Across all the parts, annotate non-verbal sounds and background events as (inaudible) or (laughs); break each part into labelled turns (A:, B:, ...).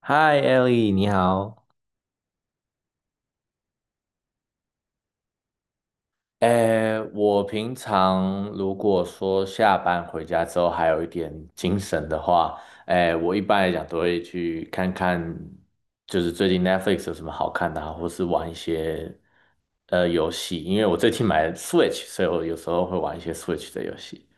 A: 嗨，Ellie，你好。诶，我平常如果说下班回家之后还有一点精神的话，诶，我一般来讲都会去看看，就是最近 Netflix 有什么好看的啊，或是玩一些游戏，因为我最近买了 Switch，所以我有时候会玩一些 Switch 的游戏。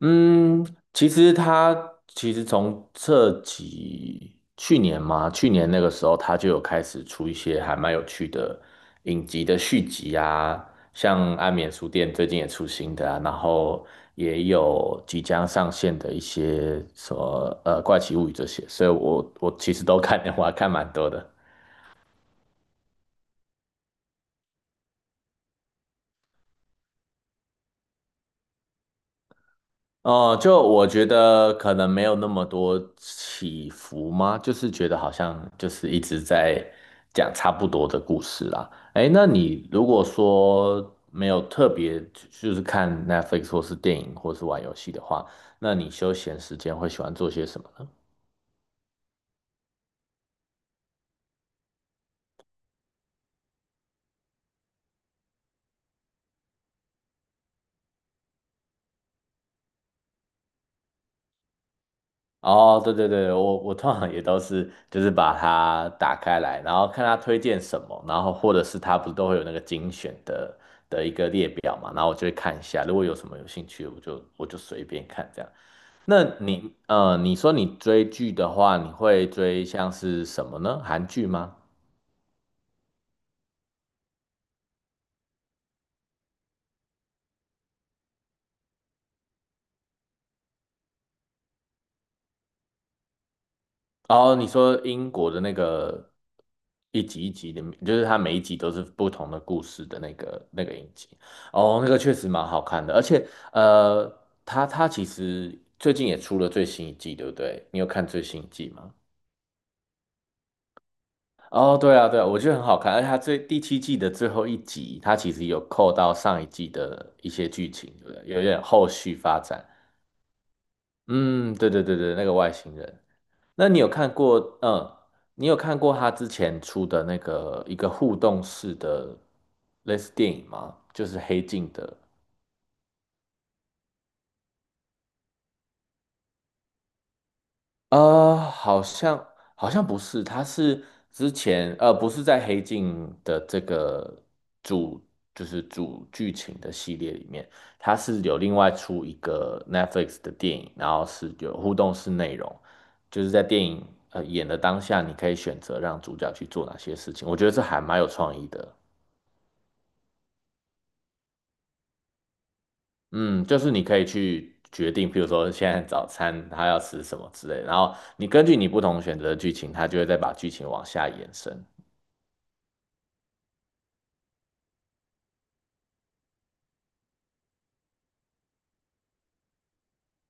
A: 嗯，其实他从去年嘛，去年那个时候他就有开始出一些还蛮有趣的影集的续集啊，像《安眠书店》最近也出新的啊，然后也有即将上线的一些什么《怪奇物语》这些，所以我其实都看，(laughs) 我还看蛮多的。哦，就我觉得可能没有那么多起伏吗？就是觉得好像就是一直在讲差不多的故事啦。哎，那你如果说没有特别就是看 Netflix 或是电影或是玩游戏的话，那你休闲时间会喜欢做些什么呢？哦，对对对，我通常也都是就是把它打开来，然后看它推荐什么，然后或者是它不是都会有那个精选的一个列表嘛，然后我就会看一下，如果有什么有兴趣，我就随便看这样。你说你追剧的话，你会追像是什么呢？韩剧吗？哦，你说英国的那个一集一集的，就是它每一集都是不同的故事的那个影集，哦，那个确实蛮好看的，而且呃，它其实最近也出了最新一季，对不对？你有看最新一季吗？哦，对啊，对啊，我觉得很好看，而且它第七季的最后一集，它其实有扣到上一季的一些剧情，对不对？有点后续发展。嗯，对对对对，那个外星人。那你有看过，嗯，你有看过他之前出的那个一个互动式的类似电影吗？就是黑镜的，呃，好像好像不是，他是之前不是在黑镜的这个主就是主剧情的系列里面，他是有另外出一个 Netflix 的电影，然后是有互动式内容，就是在电影演的当下，你可以选择让主角去做哪些事情，我觉得这还蛮有创意的。嗯，就是你可以去决定，譬如说现在早餐他要吃什么之类的，然后你根据你不同选择的剧情，他就会再把剧情往下延伸。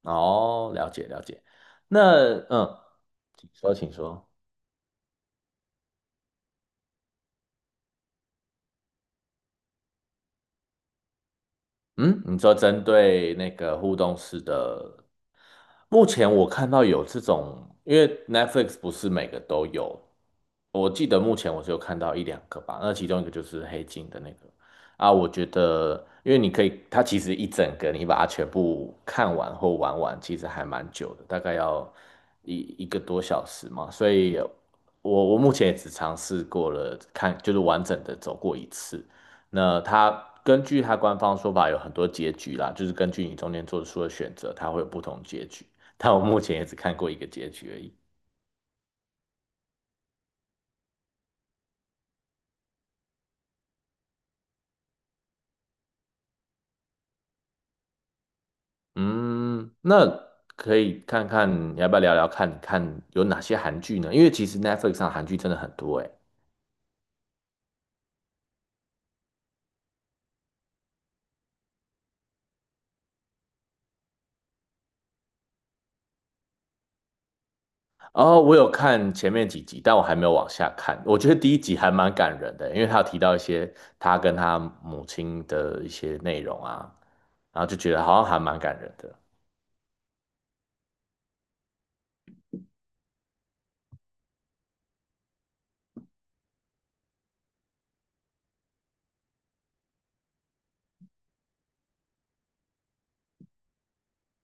A: 哦，了解了解。那嗯，请说，请说。嗯，你说针对那个互动式的，目前我看到有这种，因为 Netflix 不是每个都有，我记得目前我只有看到一两个吧，那其中一个就是《黑镜》的那个啊，我觉得因为你可以，它其实一整个你把它全部看完或玩完，其实还蛮久的，大概要一个多小时嘛，所以我目前也只尝试过了看，就是完整的走过一次，那它根据它官方说法有很多结局啦，就是根据你中间做出的选择，它会有不同结局。但我目前也只看过一个结局而已。嗯，那可以看看你要不要聊聊看，看有哪些韩剧呢？因为其实 Netflix 上韩剧真的很多诶。哦，我有看前面几集，但我还没有往下看。我觉得第一集还蛮感人的，因为他有提到一些他跟他母亲的一些内容啊，然后就觉得好像还蛮感人的。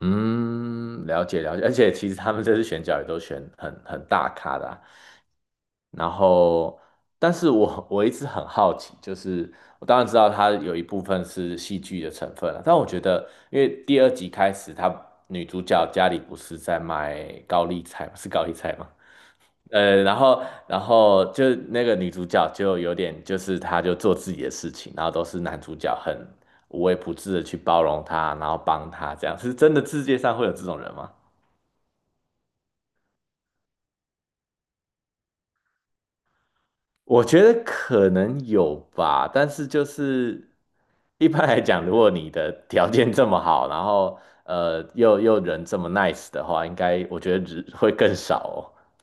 A: 嗯，了解了解，而且其实他们这次选角也都选很大咖的啊，然后，但是我一直很好奇，就是我当然知道它有一部分是戏剧的成分了，但我觉得，因为第二集开始，女主角家里不是在卖高丽菜吗？是高丽菜吗？呃，然后，然后就那个女主角就有点，就是她就做自己的事情，然后都是男主角很无微不至的去包容她，然后帮她，这样是真的世界上会有这种人吗？我觉得可能有吧，但是就是一般来讲，如果你的条件这么好，然后又人这么 nice 的话，应该我觉得只会更少哦。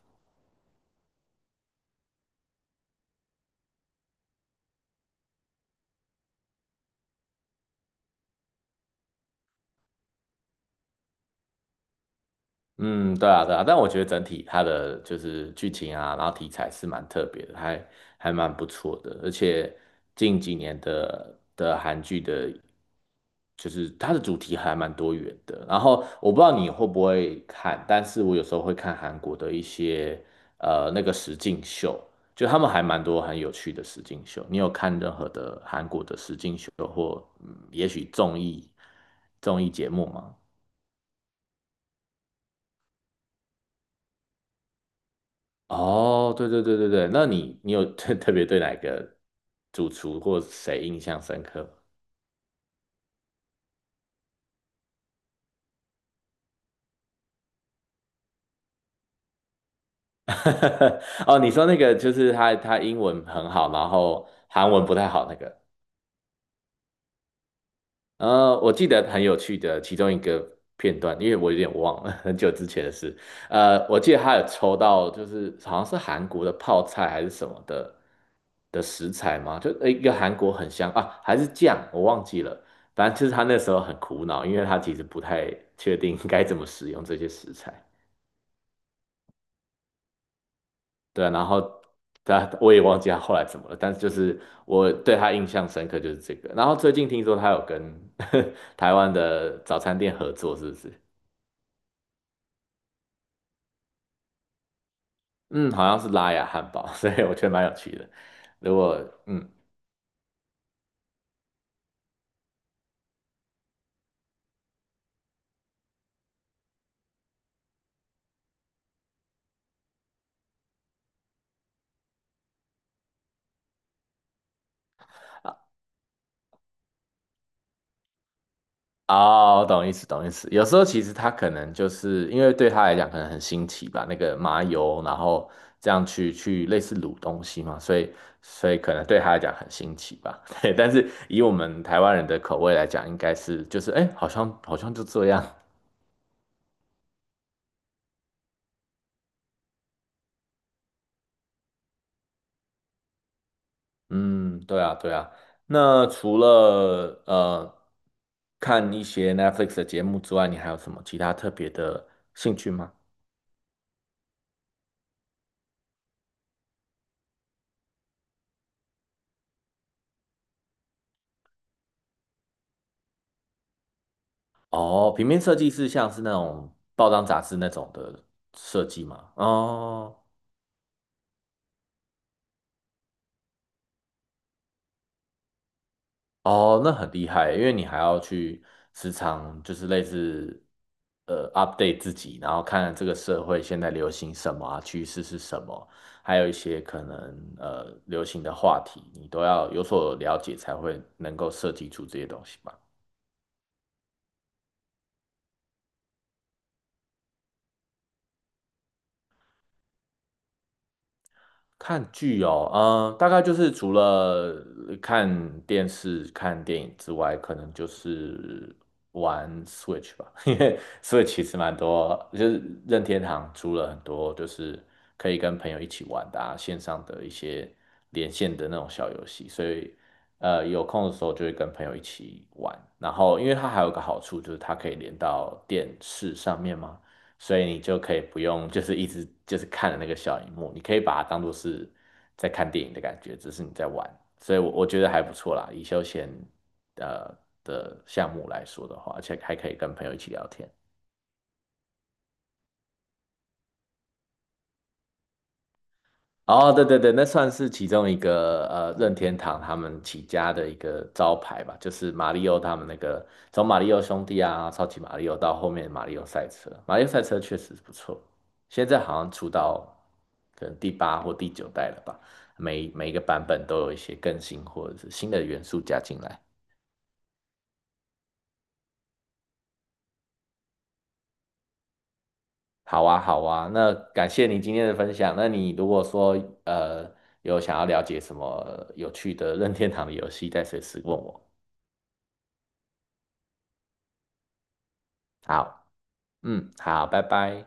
A: 嗯，对啊，对啊，但我觉得整体它的就是剧情啊，然后题材是蛮特别的，还蛮不错的，而且近几年的韩剧的，就是它的主题还蛮多元的。然后我不知道你会不会看，但是我有时候会看韩国的一些那个实境秀，就他们还蛮多很有趣的实境秀。你有看任何的韩国的实境秀或也许综艺节目吗？哦，对对对对对，那你有 (laughs) 特别对哪个主厨或谁印象深刻吗？ (laughs) 哦，你说那个就是他英文很好，然后韩文不太好那个。我记得很有趣的其中一个片段，因为我有点忘了 (laughs) 很久之前的事。我记得他有抽到，就是好像是韩国的泡菜还是什么的食材嘛，就一个韩国很香啊，还是酱，我忘记了。反正就是他那时候很苦恼，因为他其实不太确定该怎么使用这些食材。对啊，然后我也忘记他后来怎么了，但是就是我对他印象深刻就是这个。然后最近听说他有跟 (laughs) 台湾的早餐店合作，是不是？嗯，好像是拉雅汉堡，(laughs) 所以我觉得蛮有趣的。如果嗯，哦，我懂意思，懂意思。有时候其实他可能就是因为对他来讲可能很新奇吧，那个麻油，然后这样去类似卤东西嘛，所以可能对他来讲很新奇吧。(laughs) 对，但是以我们台湾人的口味来讲，应该是就是哎，好像就这样。嗯，对啊，对啊。那除了看一些 Netflix 的节目之外，你还有什么其他特别的兴趣吗？哦，平面设计是像是那种报章杂志那种的设计吗？哦哦，那很厉害，因为你还要去时常就是类似update 自己，然后看这个社会现在流行什么啊，趋势是什么，还有一些可能流行的话题，你都要有所了解才会能够设计出这些东西吧。看剧哦，嗯，大概就是除了看电视、看电影之外，可能就是玩 Switch 吧，(laughs) 因为 Switch 其实蛮多，就是任天堂出了很多，就是可以跟朋友一起玩的啊，线上的一些连线的那种小游戏，所以有空的时候就会跟朋友一起玩。然后，因为它还有个好处，就是它可以连到电视上面嘛。所以你就可以不用就是一直就是看着那个小荧幕，你可以把它当做是在看电影的感觉，只是你在玩，所以我觉得还不错啦，以休闲呃的项目来说的话，而且还可以跟朋友一起聊天。哦，对对对，那算是其中一个任天堂他们起家的一个招牌吧，就是马里奥他们那个从马里奥兄弟啊，超级马里奥到后面马里奥赛车，马里奥赛车确实不错，现在好像出到可能第八或第九代了吧，每一个版本都有一些更新或者是新的元素加进来。好啊，好啊，那感谢你今天的分享。那你如果说呃有想要了解什么有趣的任天堂的游戏，再随时问我。好。嗯，好，拜拜。